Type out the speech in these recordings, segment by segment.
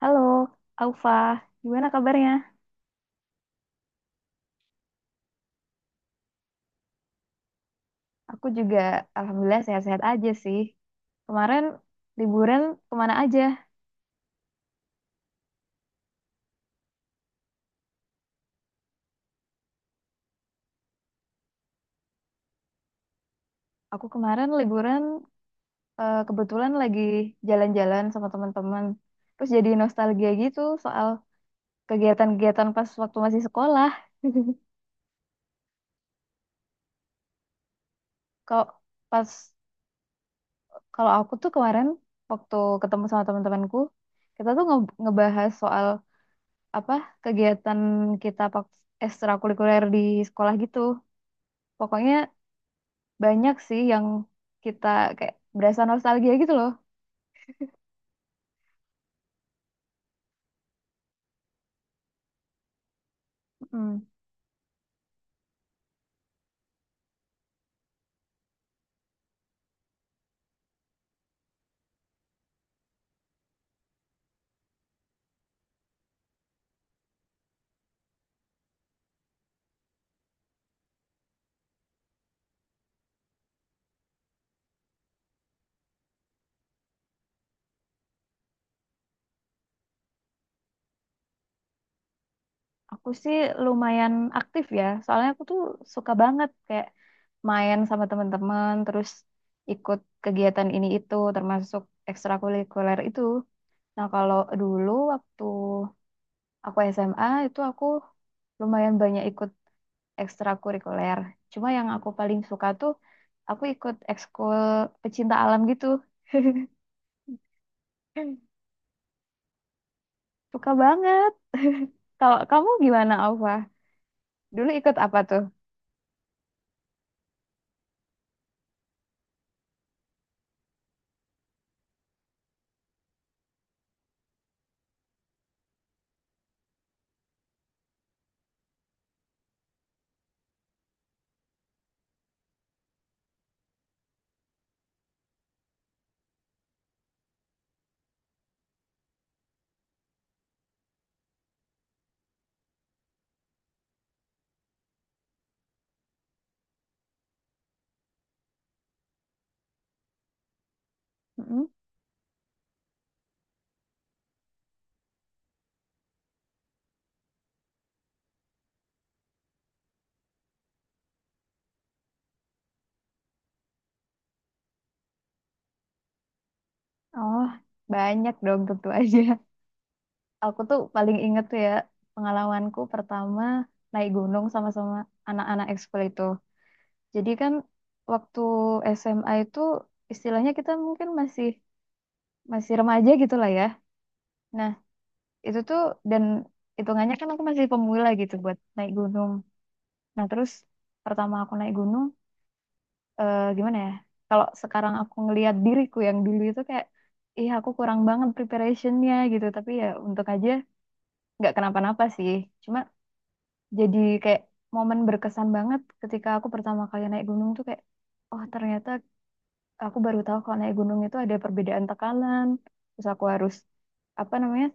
Halo, Aufa. Gimana kabarnya? Aku juga alhamdulillah sehat-sehat aja sih. Kemarin liburan kemana aja? Aku kemarin liburan kebetulan lagi jalan-jalan sama teman-teman. Terus jadi nostalgia gitu soal kegiatan-kegiatan pas waktu masih sekolah. Kalau pas kalau aku tuh kemarin waktu ketemu sama teman-temanku, kita tuh ngebahas soal apa kegiatan kita pak ekstrakurikuler di sekolah gitu. Pokoknya banyak sih yang kita kayak berasa nostalgia gitu loh. Mm. Aku sih lumayan aktif ya, soalnya aku tuh suka banget kayak main sama teman-teman, terus ikut kegiatan ini itu, termasuk ekstrakurikuler itu. Nah, kalau dulu waktu aku SMA itu aku lumayan banyak ikut ekstrakurikuler. Cuma yang aku paling suka tuh aku ikut ekskul pecinta alam gitu. Suka banget. Kalau kamu gimana, Alfa? Dulu ikut apa tuh? Mm-mm. Oh, banyak dong tentu aja. Aku tuh paling inget tuh ya pengalamanku pertama naik gunung sama-sama anak-anak ekskul itu. Jadi kan waktu SMA itu istilahnya kita mungkin masih masih remaja gitu lah ya. Nah, itu tuh dan hitungannya kan aku masih pemula gitu buat naik gunung. Nah, terus pertama aku naik gunung, gimana ya, kalau sekarang aku ngelihat diriku yang dulu itu kayak ih aku kurang banget preparationnya gitu, tapi ya untuk aja nggak kenapa-napa sih, cuma jadi kayak momen berkesan banget ketika aku pertama kali naik gunung tuh kayak oh ternyata aku baru tahu kalau naik gunung itu ada perbedaan tekanan, terus aku harus apa namanya,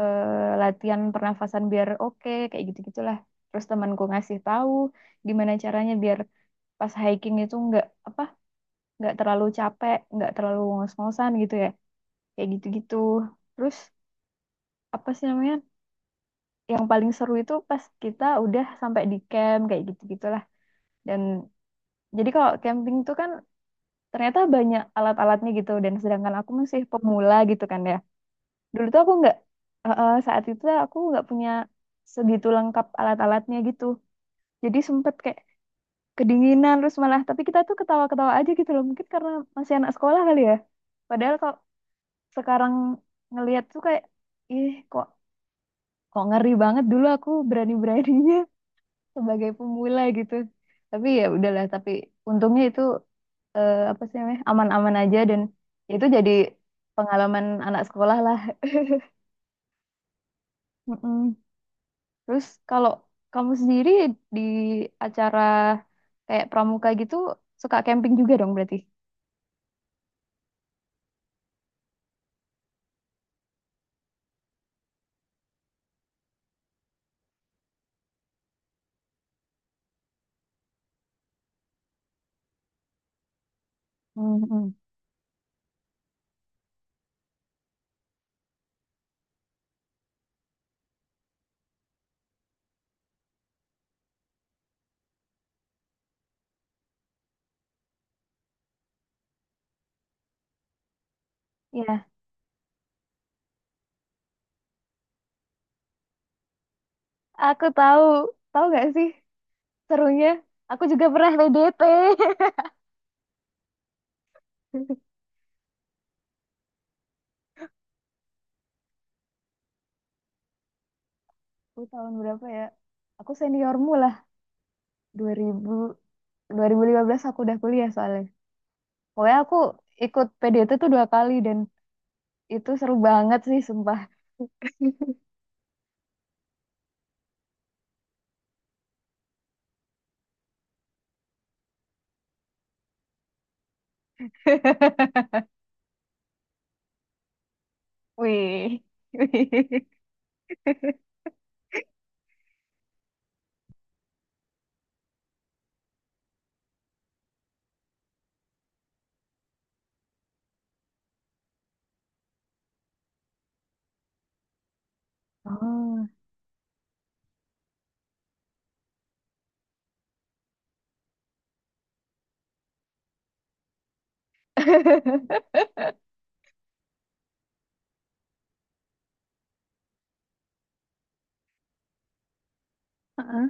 eh, latihan pernafasan biar oke kayak gitu-gitulah, terus temanku ngasih tahu gimana caranya biar pas hiking itu nggak apa, nggak terlalu capek, nggak terlalu ngos-ngosan gitu ya. Kayak gitu-gitu. Terus apa sih namanya? Yang paling seru itu pas kita udah sampai di camp kayak gitu-gitulah. Dan jadi kalau camping tuh kan ternyata banyak alat-alatnya gitu, dan sedangkan aku masih pemula gitu kan ya. Dulu tuh aku nggak, saat itu aku nggak punya segitu lengkap alat-alatnya gitu. Jadi sempet kayak kedinginan terus malah, tapi kita tuh ketawa-ketawa aja gitu loh mungkin karena masih anak sekolah kali ya, padahal kalau sekarang ngelihat tuh kayak ih kok kok ngeri banget dulu aku berani-beraninya sebagai pemula gitu, tapi ya udahlah, tapi untungnya itu, apa sih namanya, aman-aman aja dan itu jadi pengalaman anak sekolah lah. Mm-mm. Terus kalau kamu sendiri di acara kayak pramuka gitu suka camping juga dong berarti. Mm-mm. Ya, aku tahu tahu nggak sih serunya, aku juga pernah PDT. Aku tahun berapa ya? Aku seniormu lah, dua dua ribu lima belas aku udah kuliah soalnya. Pokoknya aku ikut PDT tuh dua kali dan itu seru banget sih, sumpah. Wih. Oh. Heeh,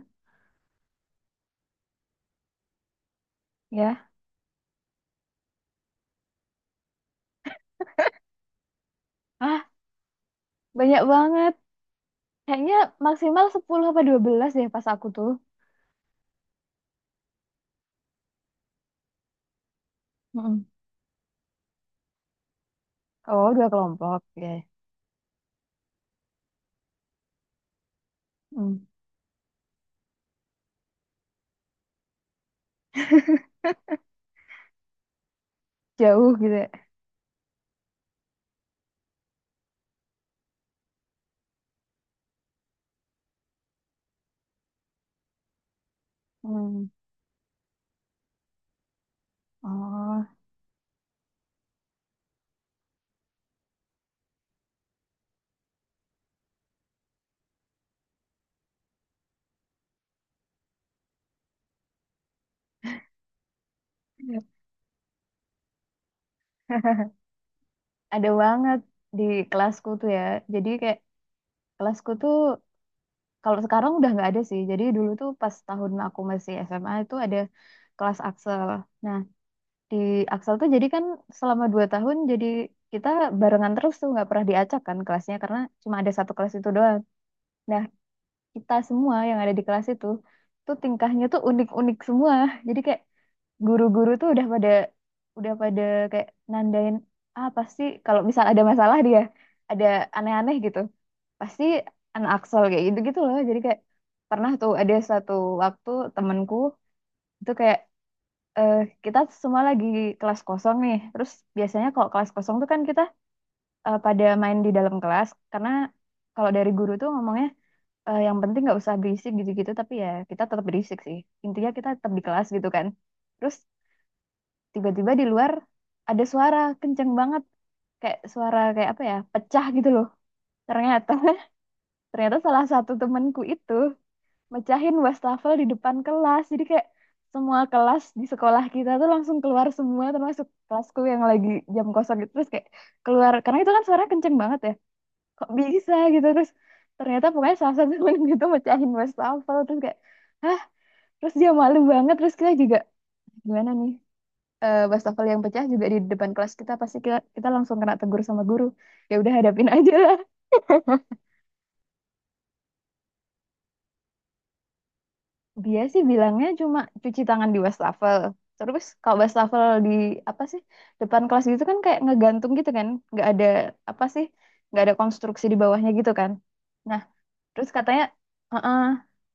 ya. Ah, banyak banget. Kayaknya maksimal 10 apa 12 deh pas aku tuh. Mm-mm. Oh, dua kelompok. Ya. Mm. Jauh gitu ya. Mm. Oh. Ada banget di kelasku tuh ya. Jadi kayak kelasku tuh kalau sekarang udah nggak ada sih. Jadi dulu tuh pas tahun aku masih SMA itu ada kelas Axel. Nah, di Axel tuh jadi kan selama dua tahun jadi kita barengan terus tuh nggak pernah diacak kan kelasnya karena cuma ada satu kelas itu doang. Nah, kita semua yang ada di kelas itu tuh tingkahnya tuh unik-unik semua. Jadi kayak guru-guru tuh udah pada kayak nandain, ah pasti kalau misal ada masalah, dia ada aneh-aneh gitu pasti anak Axel, kayak gitu gitu loh. Jadi kayak pernah tuh ada satu waktu temenku itu kayak, eh, kita semua lagi kelas kosong nih, terus biasanya kalau kelas kosong tuh kan kita pada main di dalam kelas karena kalau dari guru tuh ngomongnya yang penting nggak usah berisik gitu-gitu, tapi ya kita tetap berisik sih, intinya kita tetap di kelas gitu kan, terus tiba-tiba di luar ada suara kenceng banget kayak suara kayak apa ya pecah gitu loh, ternyata ternyata salah satu temanku itu mecahin wastafel di depan kelas, jadi kayak semua kelas di sekolah kita tuh langsung keluar semua, termasuk kelasku yang lagi jam kosong gitu, terus kayak keluar karena itu kan suara kenceng banget ya, kok bisa gitu. Terus ternyata pokoknya salah satu temen gitu mecahin wastafel, terus kayak hah, terus dia malu banget, terus kita juga gimana nih, wastafel yang pecah juga di depan kelas kita, pasti kita langsung kena tegur sama guru. Ya udah hadapin aja lah. Dia sih bilangnya cuma cuci tangan di wastafel. Terus kalau wastafel di apa sih depan kelas gitu kan kayak ngegantung gitu kan, nggak ada apa sih, nggak ada konstruksi di bawahnya gitu kan. Nah terus katanya, "Heeh."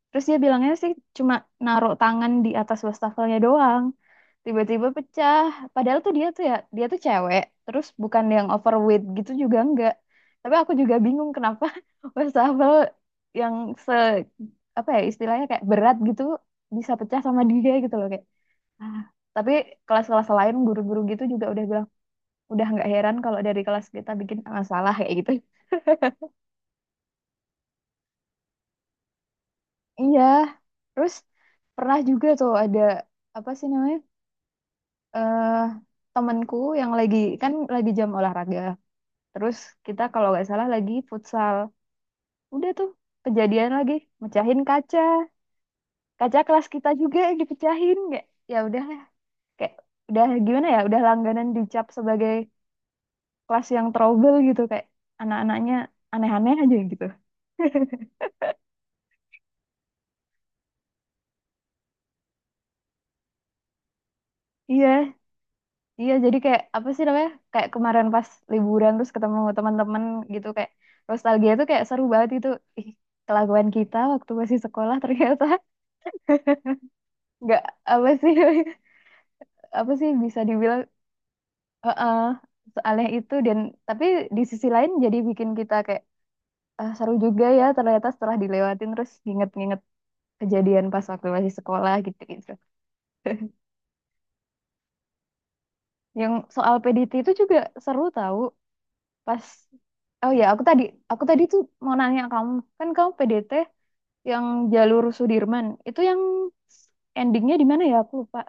Terus dia bilangnya sih cuma naruh tangan di atas wastafelnya doang, tiba-tiba pecah. Padahal tuh dia tuh ya, dia tuh cewek, terus bukan yang overweight gitu juga enggak. Tapi aku juga bingung kenapa wastafel yang se apa ya istilahnya kayak berat gitu bisa pecah sama dia gitu loh kayak, ah. Tapi kelas-kelas lain guru-guru gitu juga udah bilang udah nggak heran kalau dari kelas kita bikin masalah kayak gitu. Iya. Terus pernah juga tuh ada apa sih namanya? eh temanku yang lagi, kan lagi jam olahraga. Terus kita kalau nggak salah lagi futsal. Udah tuh kejadian lagi mecahin kaca. Kaca kelas kita juga yang dipecahin, kayak ya udah lah, kayak udah gimana ya? Udah langganan dicap sebagai kelas yang trouble gitu kayak anak-anaknya aneh-aneh aja gitu. Iya, iya jadi kayak apa sih namanya? Kayak kemarin pas liburan terus ketemu teman-teman gitu kayak nostalgia tuh kayak seru banget itu. Ih, kelakuan kita waktu masih sekolah ternyata nggak apa sih apa sih bisa dibilang heeh, seaneh itu, dan tapi di sisi lain jadi bikin kita kayak, "Ah, seru juga ya ternyata, setelah dilewatin terus nginget-nginget kejadian pas waktu masih sekolah gitu-gitu." Yang soal PDT itu juga seru tahu pas, oh ya aku tadi tuh mau nanya kamu, kan kamu PDT yang jalur Sudirman itu yang endingnya di mana ya, aku lupa.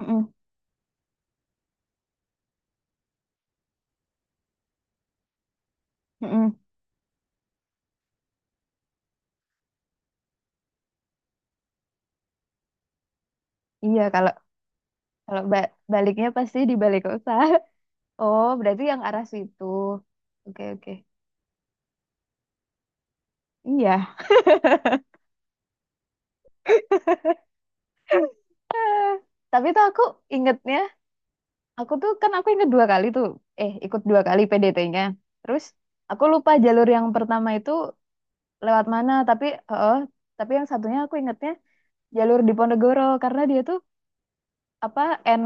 Mm-mm, mm-mm. Iya kalau kalau baliknya pasti di Balai Kota. Oh berarti yang arah situ. Oke, oke. Iya. Eh, Tapi tuh aku ingetnya, aku tuh kan aku inget dua kali tuh. Ikut dua kali PDT-nya. Terus aku lupa jalur yang pertama itu lewat mana, tapi heeh, tapi yang satunya aku ingetnya jalur di Ponegoro karena dia tuh apa N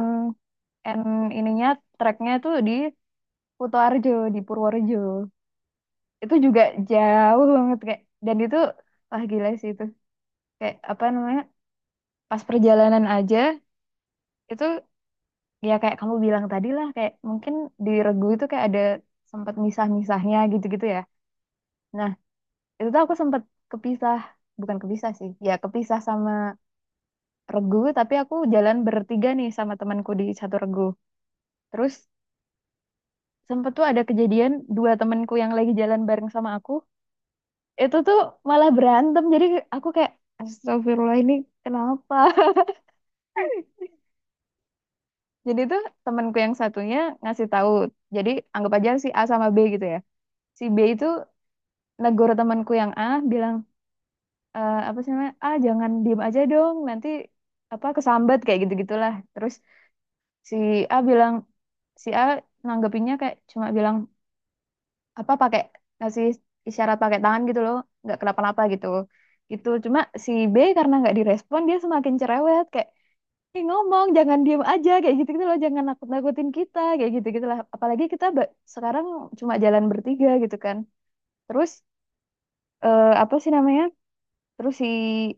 N ininya treknya tuh di Kutoarjo, di Purworejo. Itu juga jauh banget kayak, dan itu wah gila sih itu. Kayak apa namanya? Pas perjalanan aja itu ya kayak kamu bilang tadi lah, kayak mungkin di regu itu kayak ada sempat misah-misahnya gitu-gitu ya, nah itu tuh aku sempat kepisah, bukan kepisah sih ya, kepisah sama regu tapi aku jalan bertiga nih sama temanku di satu regu, terus sempat tuh ada kejadian dua temanku yang lagi jalan bareng sama aku itu tuh malah berantem, jadi aku kayak, Astagfirullah ini kenapa. Jadi tuh temanku yang satunya ngasih tahu. Jadi anggap aja si A sama B gitu ya. Si B itu negur temanku yang A, bilang, apa sih namanya, A jangan diem aja dong nanti apa kesambat kayak gitu gitulah, terus si A bilang si A nanggepinnya kayak cuma bilang apa pakai ngasih isyarat pakai tangan gitu loh, nggak kenapa-napa gitu, gitu cuma si B karena nggak direspon dia semakin cerewet kayak, "Ih, ngomong jangan diem aja kayak gitu gitu loh, jangan nakut-nakutin kita kayak gitu gitulah, apalagi kita sekarang cuma jalan bertiga gitu kan, terus apa sih namanya." Terus si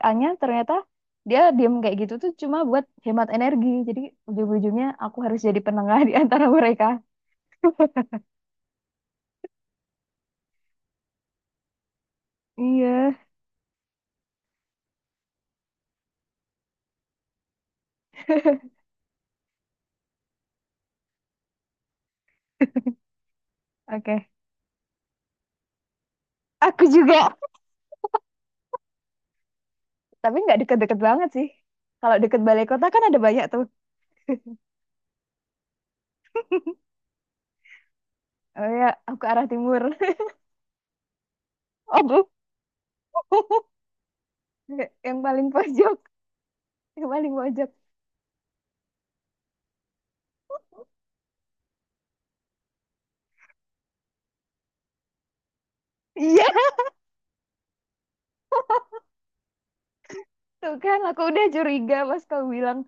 Anya ternyata dia diem kayak gitu tuh cuma buat hemat energi. Jadi ujung-ujungnya aku harus jadi penengah di antara mereka. Iya. Oke. Aku juga. Tapi nggak deket-deket banget sih. Kalau deket balai kota kan ada banyak tuh. Oh ya, aku ke arah timur. Oh, bu. Yang paling pojok. Yang paling pojok. Iya, tuh kan. Aku udah curiga pas kau bilang,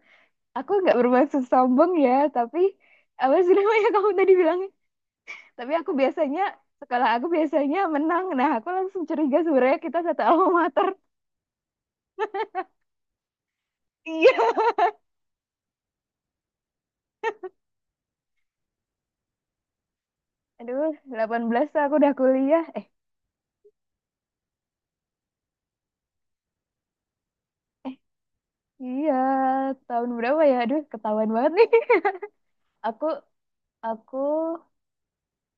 aku nggak bermaksud sombong ya, tapi apa sih namanya kamu tadi bilang? Tapi aku biasanya sekolah aku biasanya menang, nah aku langsung curiga sebenarnya kita satu alma mater. Iya. Aduh, 18 aku udah kuliah, eh iya, tahun berapa ya, aduh ketahuan banget nih. aku aku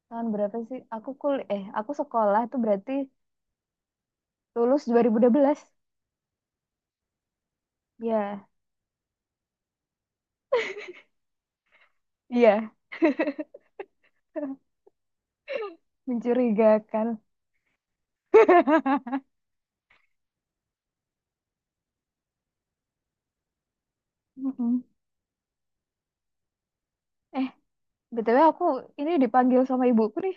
tahun berapa sih, aku kul eh aku sekolah tuh berarti lulus 2012, ya iya. Mencurigakan. Mm-mm. eh btw aku ini dipanggil sama ibuku nih,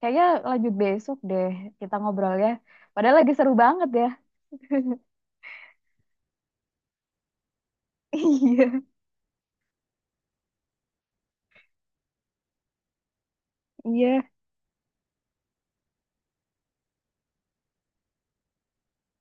kayaknya lanjut besok deh kita ngobrolnya. Padahal lagi seru banget ya. Iya, iya.